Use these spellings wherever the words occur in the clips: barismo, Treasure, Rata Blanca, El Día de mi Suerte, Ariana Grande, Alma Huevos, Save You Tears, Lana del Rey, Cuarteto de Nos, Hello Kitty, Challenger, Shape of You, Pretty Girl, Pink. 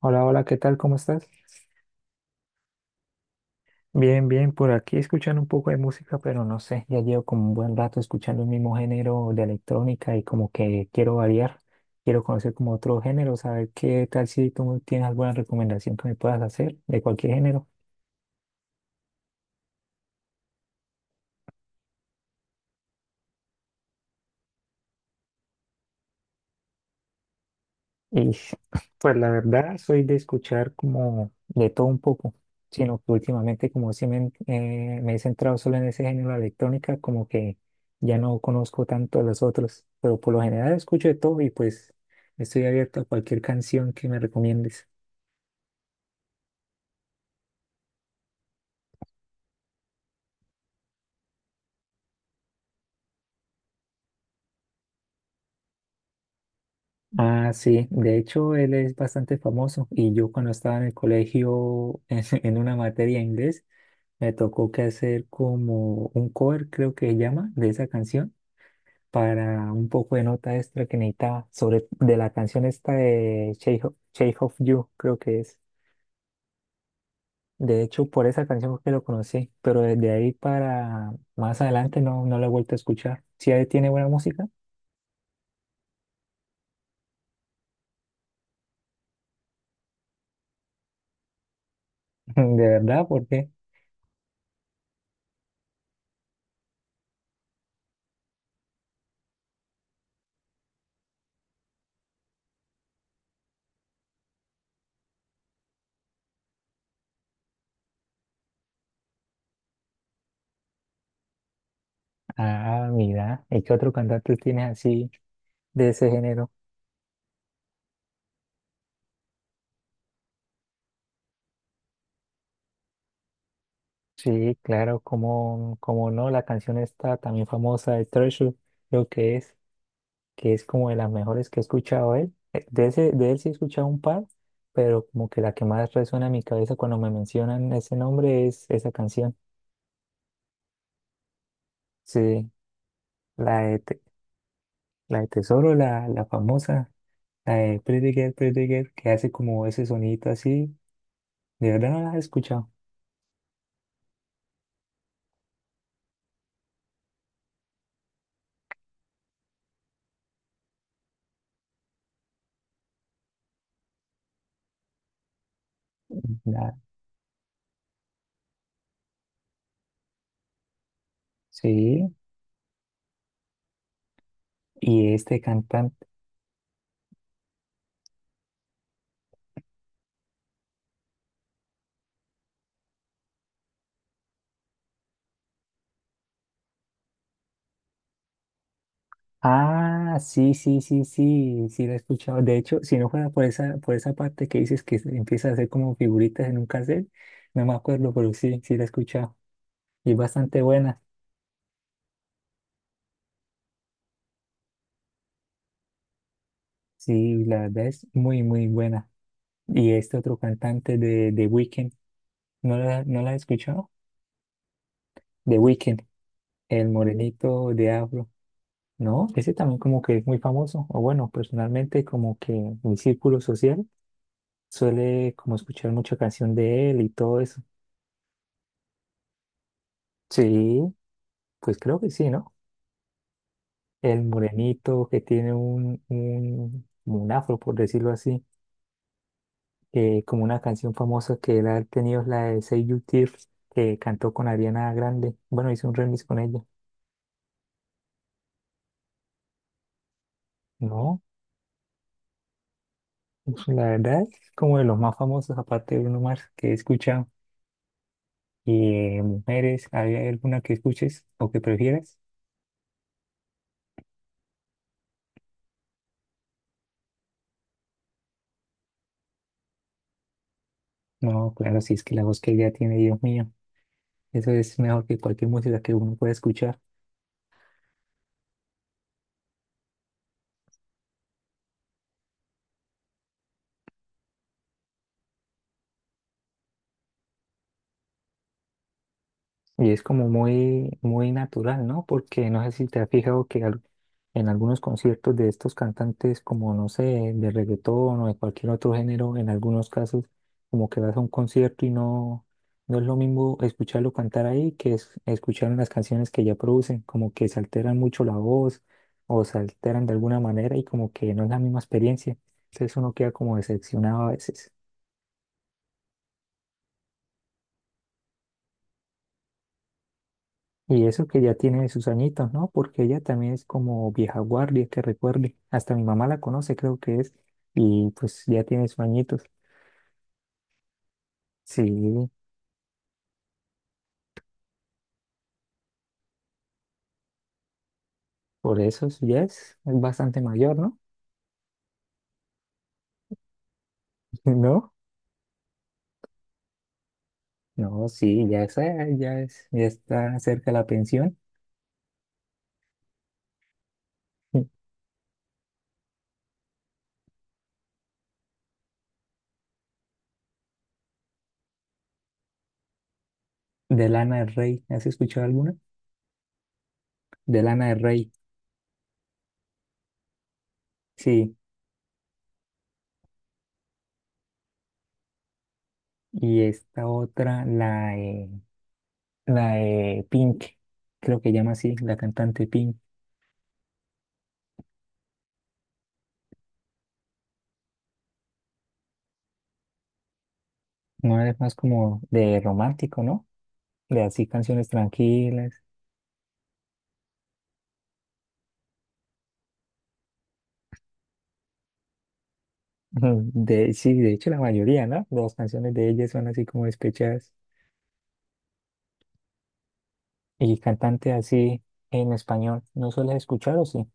Hola, hola, ¿qué tal? ¿Cómo estás? Bien, bien, por aquí escuchando un poco de música, pero no sé, ya llevo como un buen rato escuchando el mismo género de electrónica y como que quiero variar, quiero conocer como otro género, saber qué tal si tú tienes alguna recomendación que me puedas hacer de cualquier género. Y pues la verdad soy de escuchar como de todo un poco, sino que últimamente como si me, me he centrado solo en ese género de electrónica, como que ya no conozco tanto los otros, pero por lo general escucho de todo y pues estoy abierto a cualquier canción que me recomiendes. Ah, sí, de hecho él es bastante famoso y yo cuando estaba en el colegio en una materia de inglés me tocó que hacer como un cover, creo que se llama, de esa canción para un poco de nota extra que necesitaba sobre de la canción esta de Shape of You, creo que es. De hecho, por esa canción fue que lo conocí, pero desde ahí para más adelante no la he vuelto a escuchar. Si ahí tiene buena música. De verdad, ¿por qué? Ah, mira, ¿y qué otro cantante tiene así de ese género? Sí, claro, como, como no, la canción esta también famosa de Treasure, creo que es, que es como de las mejores que he escuchado él. De ese, de él sí he escuchado un par, pero como que la que más resuena en mi cabeza cuando me mencionan ese nombre es esa canción. Sí, la de, Te- la de Tesoro, la famosa, la de Pretty Girl, que hace como ese sonito así. De verdad no la he escuchado. La- sí, y este cantante. Ah, sí la he escuchado. De hecho, si no fuera por esa parte que dices que se empieza a hacer como figuritas en un cassette, no me acuerdo, pero sí, sí la he escuchado. Y es bastante buena. Sí, la verdad es muy, muy buena. Y este otro cantante de Weeknd, ¿no la, no la he escuchado? De Weeknd, el morenito de Afro. No, ese también como que es muy famoso. O bueno, personalmente como que mi círculo social suele como escuchar mucha canción de él y todo eso. Sí. Pues creo que sí, ¿no? El morenito que tiene como un afro, por decirlo así, como una canción famosa que él ha tenido es la de Save You Tears, que cantó con Ariana Grande. Bueno, hizo un remix con ella. No, pues la verdad es como de los más famosos, aparte de Bruno Mars, que he escuchado. Y mujeres, ¿hay alguna que escuches o que prefieras? No, claro, si es que la voz que ella tiene, Dios mío, eso es mejor que cualquier música que uno pueda escuchar. Y es como muy, muy natural, ¿no? Porque no sé si te has fijado que en algunos conciertos de estos cantantes, como no sé, de reggaetón o de cualquier otro género, en algunos casos, como que vas a un concierto no es lo mismo escucharlo cantar ahí que es, escuchar las canciones que ya producen, como que se alteran mucho la voz o se alteran de alguna manera y como que no es la misma experiencia. Entonces uno queda como decepcionado a veces. Y eso que ya tiene sus añitos, ¿no? Porque ella también es como vieja guardia, que recuerde. Hasta mi mamá la conoce, creo que es. Y pues ya tiene sus añitos. Sí, ya es bastante mayor, ¿no? ¿No? No, sí, ya es, ya está cerca la pensión. De Lana del Rey, ¿has escuchado alguna? De Lana del Rey, sí. Y esta otra, la de Pink, creo que llama así, la cantante Pink. No es más como de romántico, ¿no? De así canciones tranquilas. Ujú. De, sí, de hecho la mayoría, ¿no? Las canciones de ellas son así como despechadas. Y cantante así en español, ¿no sueles escuchar o sí?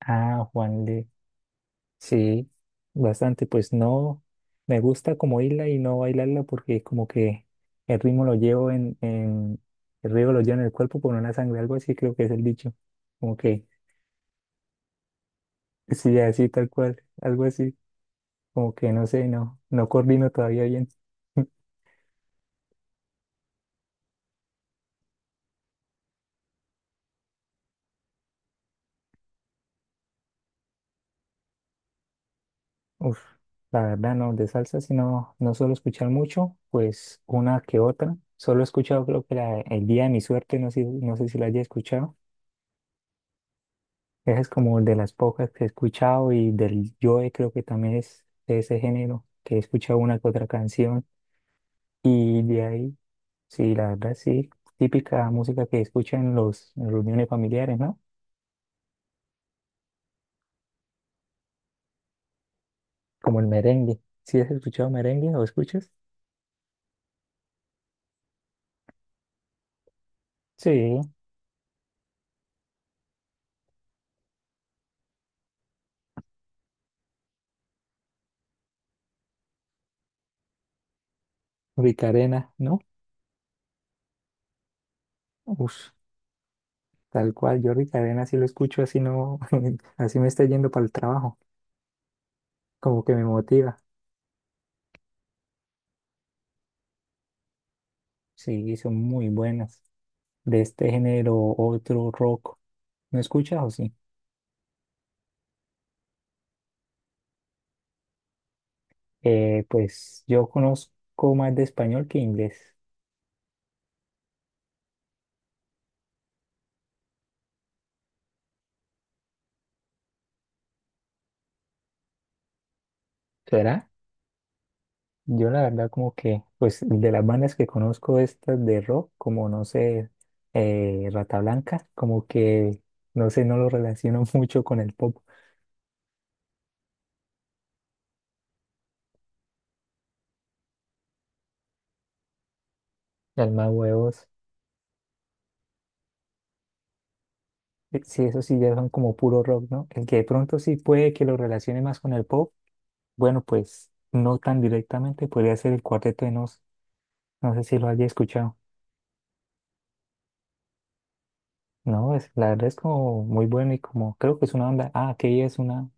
Ah, Juan de, sí, bastante, pues no, me gusta como oírla y no bailarla porque como que el ritmo lo llevo en, en el ritmo lo llevo en el cuerpo por una sangre, algo así creo que es el dicho, como que sí, así tal cual, algo así, como que no sé, no coordino todavía bien. Uf, la verdad no, de salsa si no, no suelo escuchar mucho, pues una que otra. Solo he escuchado creo que El Día de mi Suerte, no sé, no sé si la haya escuchado. Esa es como de las pocas que he escuchado y del Joe creo que también es de ese género, que he escuchado una que otra canción. Y de ahí, sí, la verdad sí, típica música que escuchan en en reuniones familiares, ¿no? Como el merengue. ¿Sí has escuchado merengue o escuchas? Sí, Ricarena, ¿no? Uf. Tal cual, Jordi Cadena, si lo escucho así no, así me está yendo para el trabajo, como que me motiva. Sí, son muy buenas. De este género, otro rock. ¿No escuchas o sí? Pues yo conozco más de español que inglés. ¿Será? Yo la verdad como que, pues de las bandas que conozco estas de rock, como no sé, Rata Blanca, como que, no sé, no lo relaciono mucho con el pop, Alma Huevos. Sí, eso sí, ya son como puro rock, ¿no? El que de pronto sí puede que lo relacione más con el pop, bueno, pues no tan directamente, podría ser el Cuarteto de Nos. No sé si lo haya escuchado. No, es, la verdad es como muy bueno y como creo que es una banda. Ah, que ella es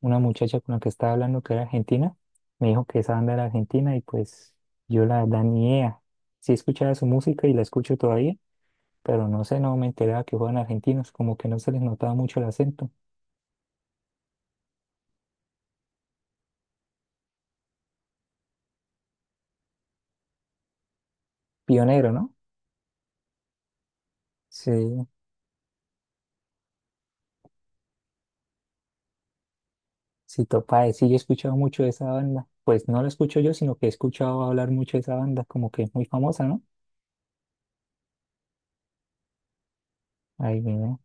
una muchacha con la que estaba hablando que era argentina. Me dijo que esa banda era argentina y pues yo la verdad ni idea. Sí escuchaba su música y la escucho todavía, pero no sé, no me enteraba que fueran argentinos, como que no se les notaba mucho el acento. Pionero, ¿no? Sí. Si Topae, sí, yo he escuchado mucho de esa banda. Pues no la escucho yo, sino que he escuchado hablar mucho de esa banda, como que es muy famosa, ¿no? Ay, mira,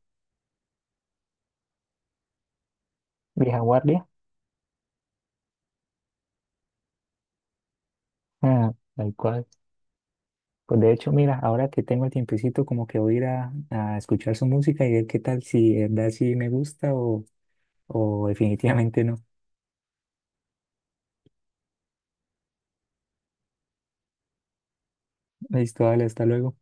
vieja guardia. Ah, tal cual. Pues de hecho, mira, ahora que tengo el tiempecito, como que voy a ir a escuchar su música y ver qué tal, si de verdad sí me gusta o definitivamente no. Listo, dale, hasta luego.